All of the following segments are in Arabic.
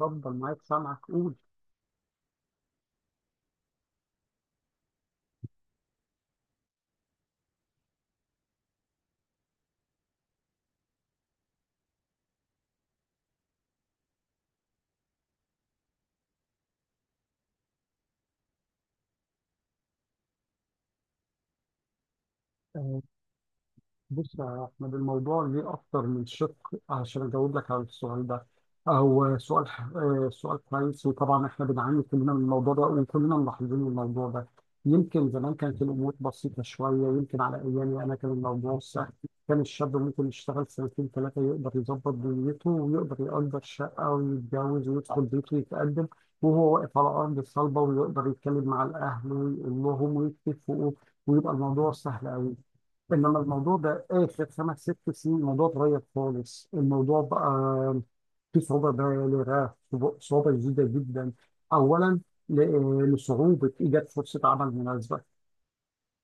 اتفضل معاك سامعك قول. آه، بص يا أحمد، الموضوع ليه أكتر من شق عشان أجاوب لك على السؤال ده. هو سؤال آه، سؤال كويس، وطبعا إحنا بنعاني كلنا من الموضوع ده وكلنا ملاحظين الموضوع ده. يمكن زمان كانت الأمور بسيطة شوية، يمكن على أيامي أنا كان الموضوع سهل، كان الشاب ممكن يشتغل سنتين ثلاثة يقدر يظبط دنيته ويقدر يأجر شقة ويتجوز ويدخل بيته ويتقدم وهو واقف على أرض صلبة، ويقدر يتكلم مع الأهل ويقول لهم ويتفقوا، ويبقى الموضوع سهل أوي. انما الموضوع ده اخر خمس ست سنين الموضوع اتغير خالص، الموضوع بقى في صعوبة بالغة، صعوبة جديدة جدا. اولا لصعوبة ايجاد فرصة عمل مناسبة.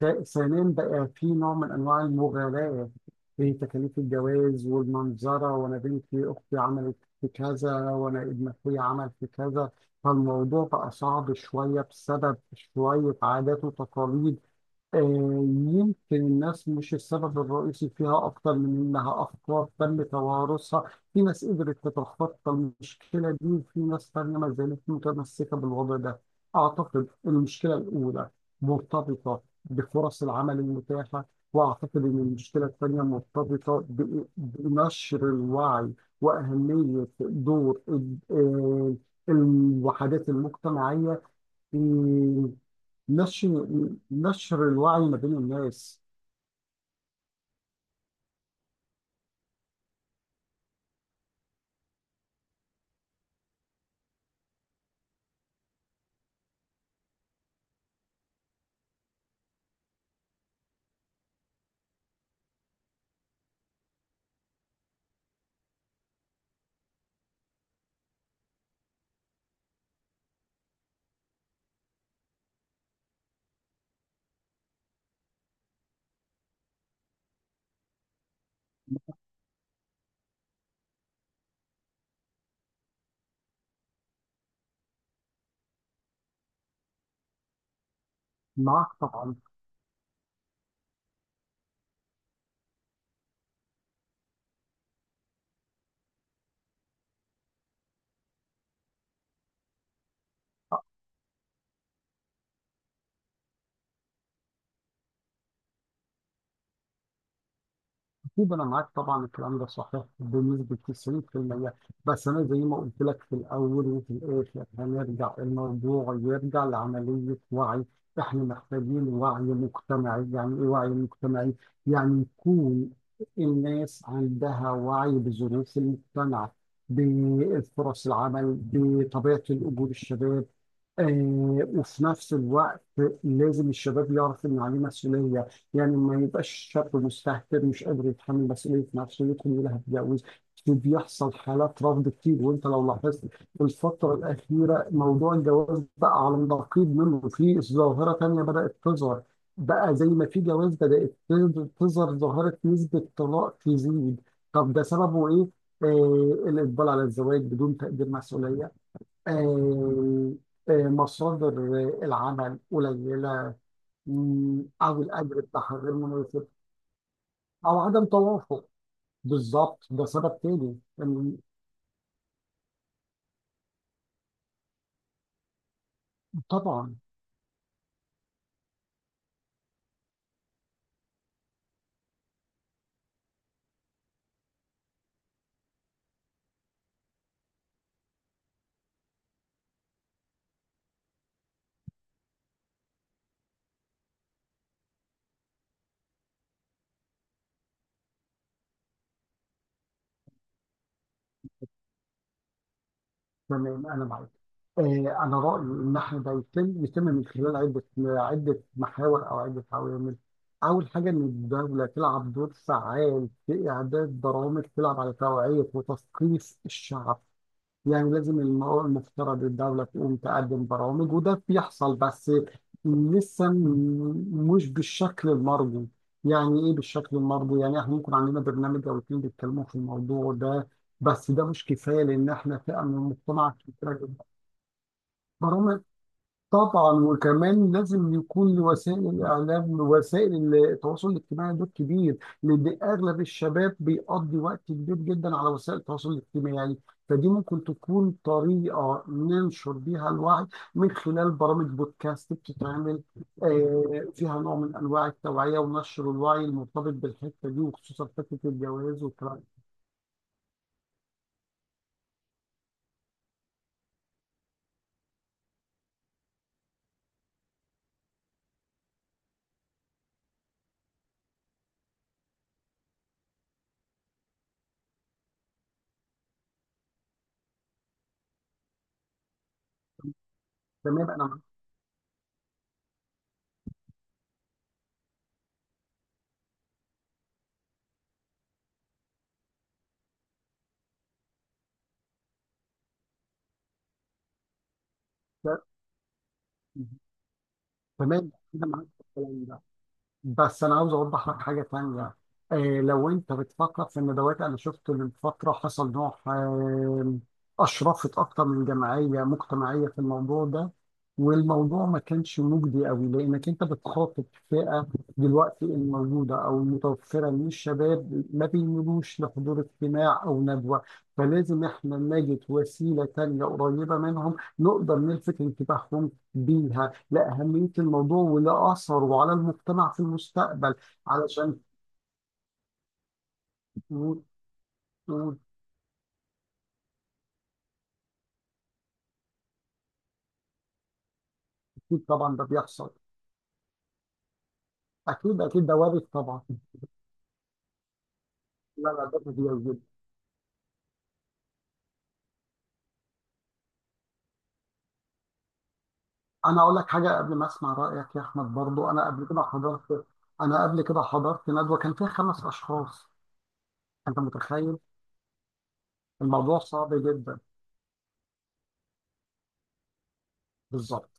ثانيا بقى في نوع من انواع المغالاة في تكاليف الجواز والمنظرة، وانا بنتي اختي عملت في كذا وانا ابن اخويا عمل في كذا، فالموضوع بقى صعب شوية بسبب شوية عادات وتقاليد. يمكن الناس مش السبب الرئيسي فيها، أكتر من إنها أفكار تم توارثها، في ناس قدرت تتخطى المشكلة دي وفي ناس تانية ما زالت متمسكة بالوضع ده. أعتقد المشكلة الأولى مرتبطة بفرص العمل المتاحة، وأعتقد إن المشكلة الثانية مرتبطة بنشر الوعي وأهمية دور الوحدات المجتمعية في نشر الوعي ما بين الناس. معاك طبعا. أكيد أنا معاك طبعا، الكلام ده صحيح بنسبة 90%، بس أنا زي ما قلت لك في الأول وفي الآخر هنرجع الموضوع، يرجع لعملية وعي. إحنا محتاجين وعي مجتمعي. يعني إيه وعي مجتمعي؟ يعني يكون الناس عندها وعي بظروف المجتمع، بفرص العمل، بطبيعة الأجور، الشباب. وفي نفس الوقت لازم الشباب يعرف إن عليه مسؤولية، يعني ما يبقاش الشاب مستهتر مش قادر يتحمل مسؤولية نفسه كلها هتتجوز. بيحصل حالات رفض كتير، وانت لو لاحظت في الفترة الأخيرة موضوع الجواز بقى على النقيض منه، في ظاهرة تانية بدأت تظهر. بقى زي ما في جواز بدأت تظهر ظاهرة نسبة طلاق تزيد. طب ده سببه إيه؟ الإقبال على الزواج بدون تقدير مسؤولية. آه مصادر العمل قليلة، أو الأجر بتاعها غير مناسب، او عدم توافق. بالظبط، ده سبب تاني طبعا. تمام انا معاك. آه، انا رايي ان احنا ده يتم من خلال عده، عده محاور او عده عوامل. اول حاجه ان الدوله تلعب دور فعال في اعداد برامج، تلعب على توعيه وتثقيف الشعب. يعني لازم المرأة، المفترض الدولة تقوم تقدم برامج، وده بيحصل بس لسه مش بالشكل المرجو. يعني إيه بالشكل المرجو؟ يعني إحنا ممكن عندنا برنامج أو اتنين بيتكلموا في الموضوع ده، بس ده مش كفاية لأن إحنا فئة من المجتمع كبيرة جدا. برامج طبعا، وكمان لازم يكون لوسائل الاعلام، وسائل التواصل الاجتماعي دور كبير، لان اغلب الشباب بيقضي وقت كبير جدا على وسائل التواصل الاجتماعي، يعني فدي ممكن تكون طريقه ننشر بيها الوعي، من خلال برامج بودكاست بتتعمل فيها نوع من انواع التوعيه ونشر الوعي المرتبط بالحته دي، وخصوصا فكره الجواز والكلام. تمام انا معاك. تمام كده معاك في الكلام ده. بس انا عاوز اوضح لك حاجه تانية. آه لو انت بتفكر في الندوات، انا شفت من فتره حصل نوع. اشرفت اكتر من جمعيه مجتمعيه في الموضوع ده، والموضوع ما كانش مجدي قوي لانك انت بتخاطب فئه دلوقتي الموجوده او المتوفره من الشباب ما بيميلوش لحضور اجتماع او ندوه. فلازم احنا نجد وسيله تانية قريبه منهم نقدر نلفت انتباههم بيها لأهمية الموضوع ولأثره وعلى المجتمع في المستقبل. علشان و- و- أكيد طبعا، ده بيحصل. أكيد أكيد، ده وارد طبعا. لا لا، ده كبير جدا. أنا أقول لك حاجة قبل ما أسمع رأيك يا أحمد. برضو أنا قبل كده حضرت ندوة كان فيها خمس أشخاص، أنت متخيل؟ الموضوع صعب جدا. بالظبط،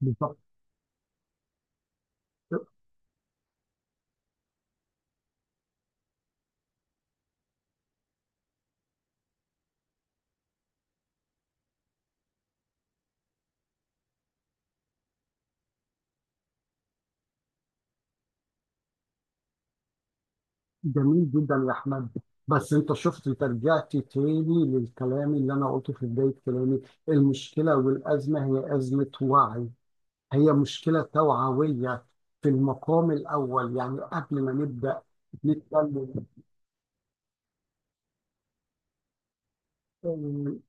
بالظبط. جميل جدا يا أحمد، بس أنت شفت، أنت رجعت تاني للكلام اللي أنا قلته في بداية كلامي. المشكلة والأزمة هي أزمة وعي، هي مشكلة توعوية في المقام الأول، يعني قبل ما نبدأ نتكلم، آم،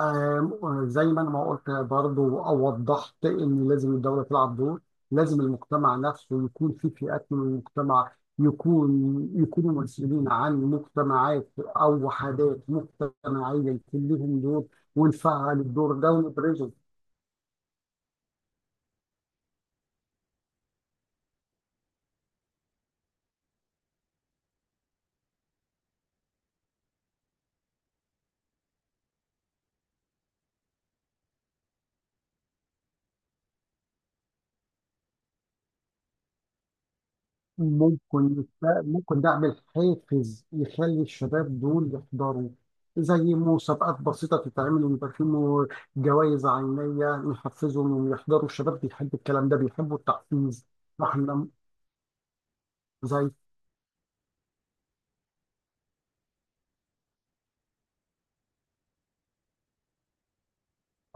آم، زي ما أنا ما قلت برضو أو وضحت إن لازم الدولة تلعب دور. لازم المجتمع نفسه يكون في فئات من المجتمع، يكون يكونوا مسؤولين عن مجتمعات أو وحدات مجتمعية، يكون لهم دور، ونفعل الدور ده ونبرزه. ممكن ده اعمل حافز يخلي الشباب دول يحضروا، زي مسابقات بسيطة تتعمل ويبقى في جوائز عينية نحفزهم إنهم يحضروا. الشباب بيحب الكلام ده، بيحبوا التحفيز. واحنا زي.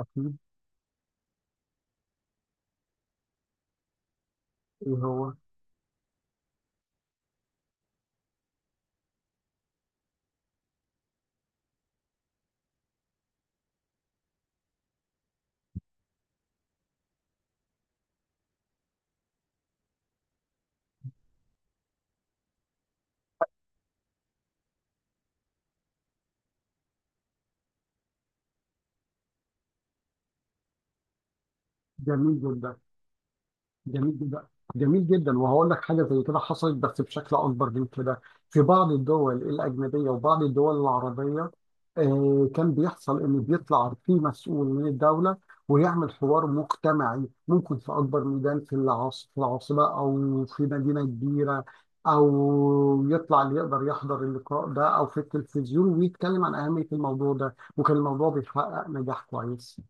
أكيد. إيه هو. جميل جدا. جميل جدا. جميل جدا، وهقول لك حاجه زي كده حصلت بس بشكل اكبر من كده في بعض الدول الاجنبيه وبعض الدول العربيه. كان بيحصل ان بيطلع في مسؤول من الدوله ويعمل حوار مجتمعي، ممكن في اكبر ميدان في العاصمه او في مدينه كبيره، او يطلع اللي يقدر يحضر اللقاء ده، او في التلفزيون، ويتكلم عن اهميه الموضوع ده، وكان الموضوع بيحقق نجاح كويس.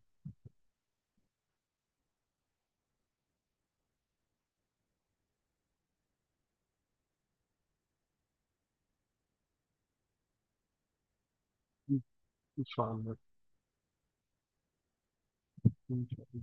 ان شاء الله. إن شاء الله.